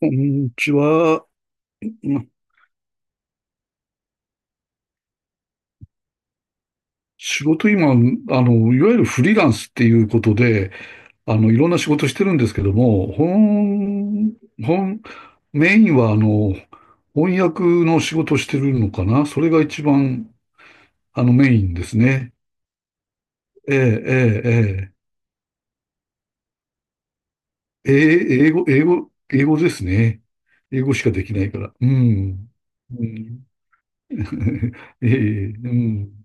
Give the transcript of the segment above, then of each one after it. こんにちは。うん仕事今、いわゆるフリーランスっていうことで、いろんな仕事してるんですけども、本、メインは翻訳の仕事してるのかな、それが一番、メインですね。ええ、ええ、ええ、え英語、英語ですね。英語しかできないから。うん。うん ええ、うん。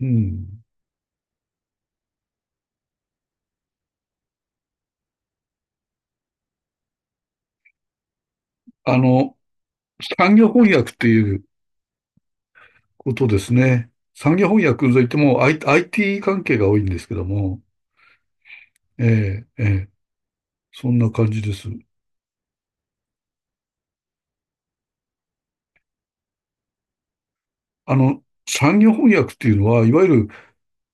うん。あの、産業翻訳っていう、ことですね。産業翻訳といっても、IT 関係が多いんですけども、ええ、ええ、そんな感じです。あの、産業翻訳っていうのは、いわゆる、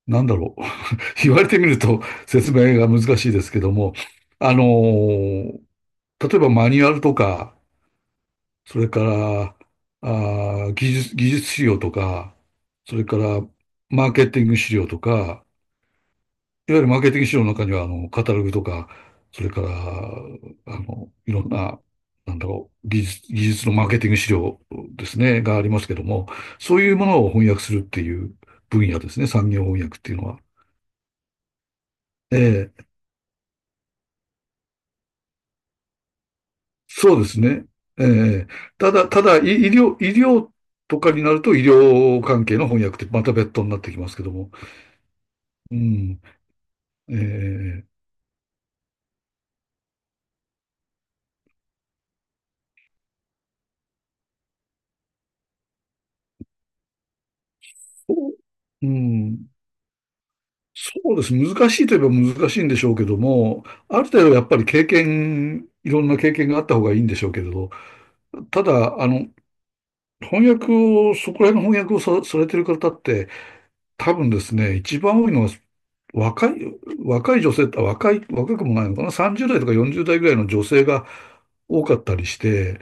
なんだろう。言われてみると説明が難しいですけども、あのー例えばマニュアルとか、それから、技術資料とか、それからマーケティング資料とか、いわゆるマーケティング資料の中には、カタログとか、それから、いろんな、なんだろう、技術のマーケティング資料ですね、がありますけども、そういうものを翻訳するっていう分野ですね、産業翻訳っていうのは。ええ、そうですね。ええ、ただ、医療、医療とかになると、医療関係の翻訳ってまた別途になってきますけども、うん、ええ、そううん、そうです。難しいといえば難しいんでしょうけども、ある程度やっぱり経験、いろんな経験があった方がいいんでしょうけれど、ただ、翻訳を、そこら辺の翻訳をさ、されてる方って、多分ですね、一番多いのは若い、若い女性、若くもないのかな、30代とか40代ぐらいの女性が多かったりして、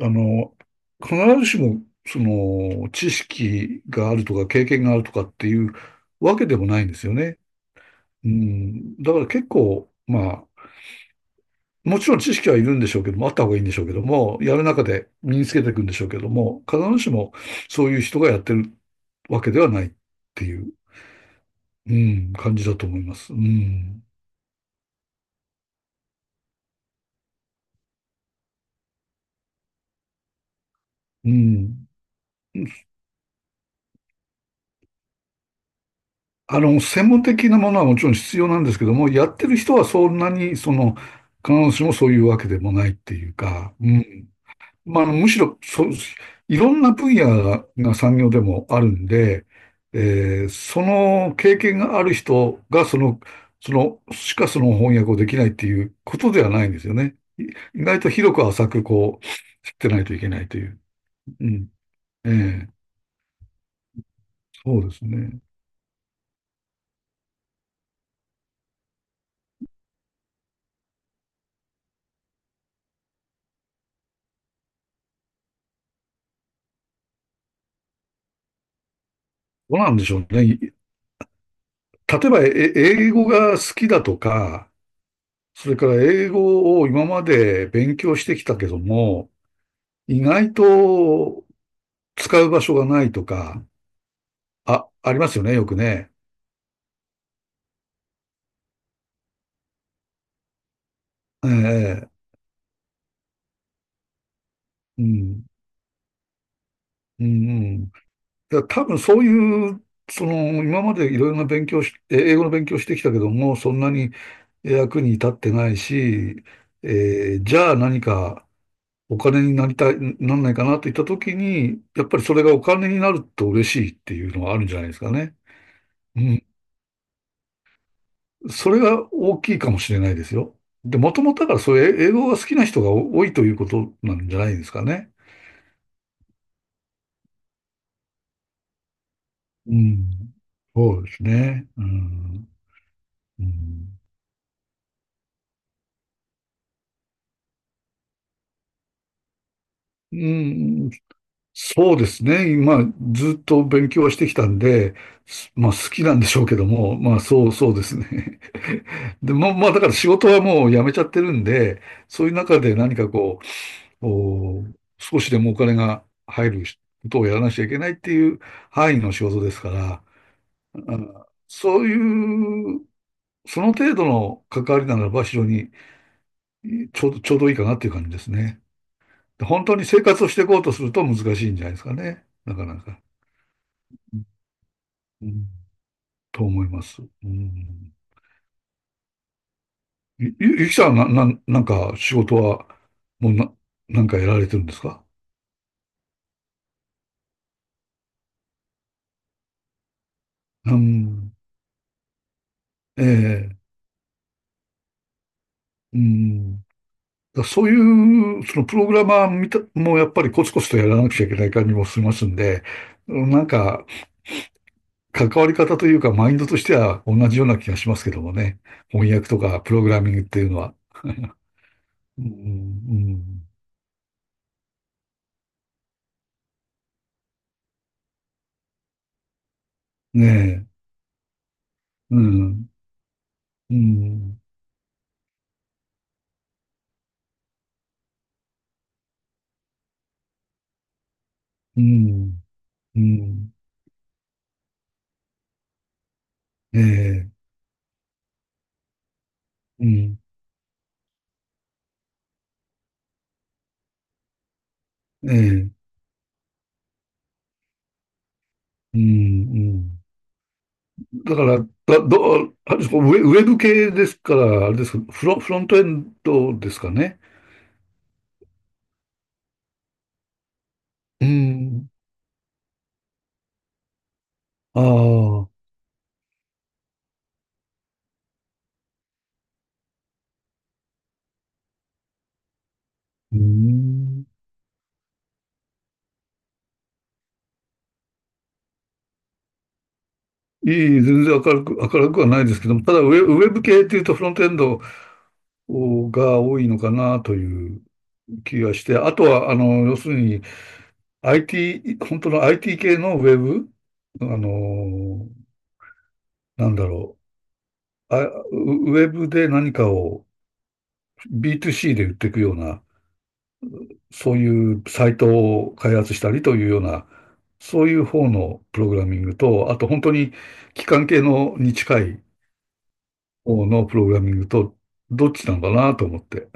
あの、必ずしも、その、知識があるとか経験があるとかっていうわけでもないんですよね。うん、だから結構、まあ、もちろん知識はいるんでしょうけども、あった方がいいんでしょうけども、やる中で身につけていくんでしょうけども、必ずしもそういう人がやってるわけではないっていう、うん、感じだと思います。うん、うん。専門的なものはもちろん必要なんですけども、やってる人はそんなに、その、必ずしもそういうわけでもないっていうか、うん。まあ、むしろそう、いろんな分野が、が産業でもあるんで、その経験がある人が、その、その翻訳をできないっていうことではないんですよね。意外と広く浅く、こう、知ってないといけないという。うん。ええ、そうですね。どうなんでしょうね。例えば、英語が好きだとか、それから英語を今まで勉強してきたけども、意外と使う場所がないとか、あ、ありますよね、よくね。ええ、うん、うん、うん。いや、多分そういう、その、今までいろいろな勉強し、え英語の勉強してきたけども、そんなに役に立ってないし、じゃあ何かお金になりたい、なんないかなといったときに、やっぱりそれがお金になると嬉しいっていうのはあるんじゃないですかね。うん。それが大きいかもしれないですよ。で、もともとだからそういう英語が好きな人が多いということなんじゃないですかね。うん。そうですね。うん。うん。うん、そうですね。今、ずっと勉強はしてきたんで、まあ好きなんでしょうけども、そうですね。で、まあだから仕事はもう辞めちゃってるんで、そういう中で何かう、お少しでもお金が入ることをやらなきゃいけないっていう範囲の仕事ですから、あそういう、その程度の関わりならば非常にちょうどいいかなっていう感じですね。本当に生活をしていこうとすると難しいんじゃないですかね。なかなか。うん、と思います。うん、ゆきさんはなんか仕事はもうな、なんかやられてるんですか？うん、ええ、うん。そういう、そのプログラマーもうやっぱりコツコツとやらなくちゃいけない感じもしますんで、うん、なんか関わり方というかマインドとしては同じような気がしますけどもね。翻訳とかプログラミングっていうのは。うん、うん、ねえ、うん、うん、うん、うん、ええ、うん、ええ、うん、うん。だから、だ、ど、あれですか、ウェブ系ですから、あれですか、フロントエンドですかね。うん、ああ、うん。いい、全然明るく、明るくはないですけども、ただウェブ系っていうとフロントエンドが多いのかなという気がして、あとは、要するに、IT、本当の IT 系のウェブ、あのーなんだろう、あ、ウェブで何かを B2C で売っていくような、そういうサイトを開発したりというような、そういう方のプログラミングと、あと本当に機関系のに近い方のプログラミングと、どっちなのかなと思って。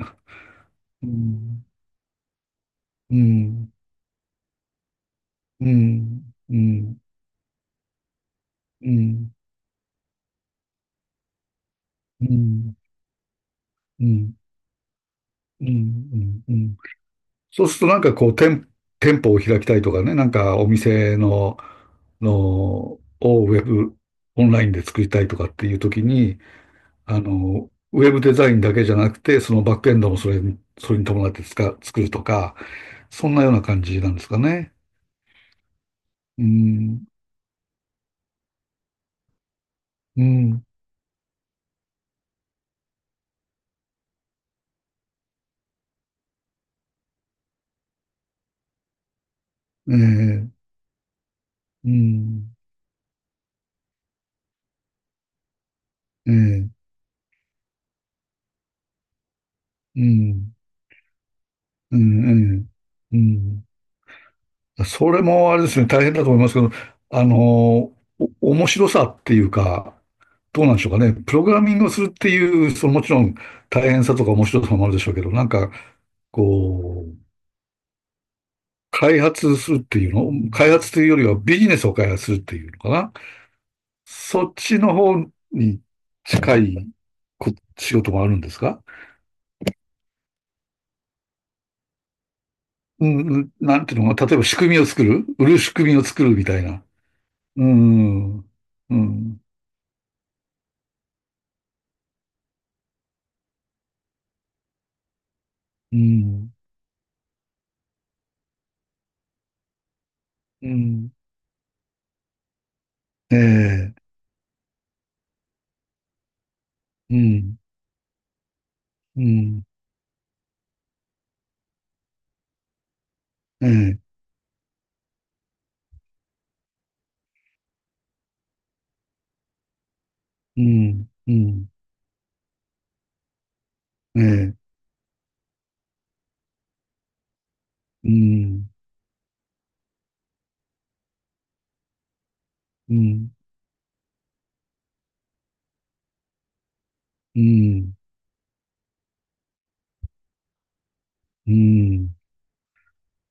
うん、うん、うん、うん、うん、うん、うん、うん、うん、うん、そうするとなんか店舗を開きたいとかね、なんかお店をウェブ、オンラインで作りたいとかっていう時に、ウェブデザインだけじゃなくて、そのバックエンドもそれに伴って作るとか、そんなような感じなんですかね。うん、うん、ええ、うん、ええ、うん、うん、うん、うん。それもあれですね、大変だと思いますけど、あの、お面白さっていうか、どうなんでしょうかね。プログラミングをするっていう、そのもちろん大変さとか面白さもあるでしょうけど、なんか、こう、開発するっていうの、開発というよりはビジネスを開発するっていうのかな。そっちの方に近いこ仕事もあるんですか？うん、うん、なんていうのかな、例えば仕組みを作る、売る仕組みを作るみたいな。うん、うん、うん、うん。ええ、うん、うん、ええ、うん、うん、ええ、うん、うん、うん、う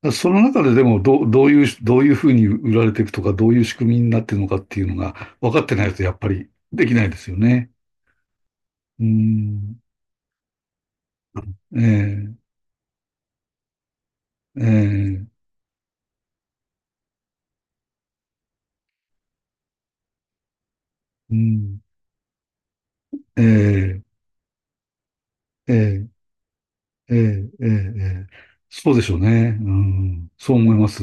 ん。その中ででも、どういうふうに売られていくとか、どういう仕組みになっているのかっていうのが分かってないと、やっぱりできないですよね。うん、ええ、ええ、うん、ええ、ええ、ええ、ええ、ええ、そうでしょうね。うん、そう思います。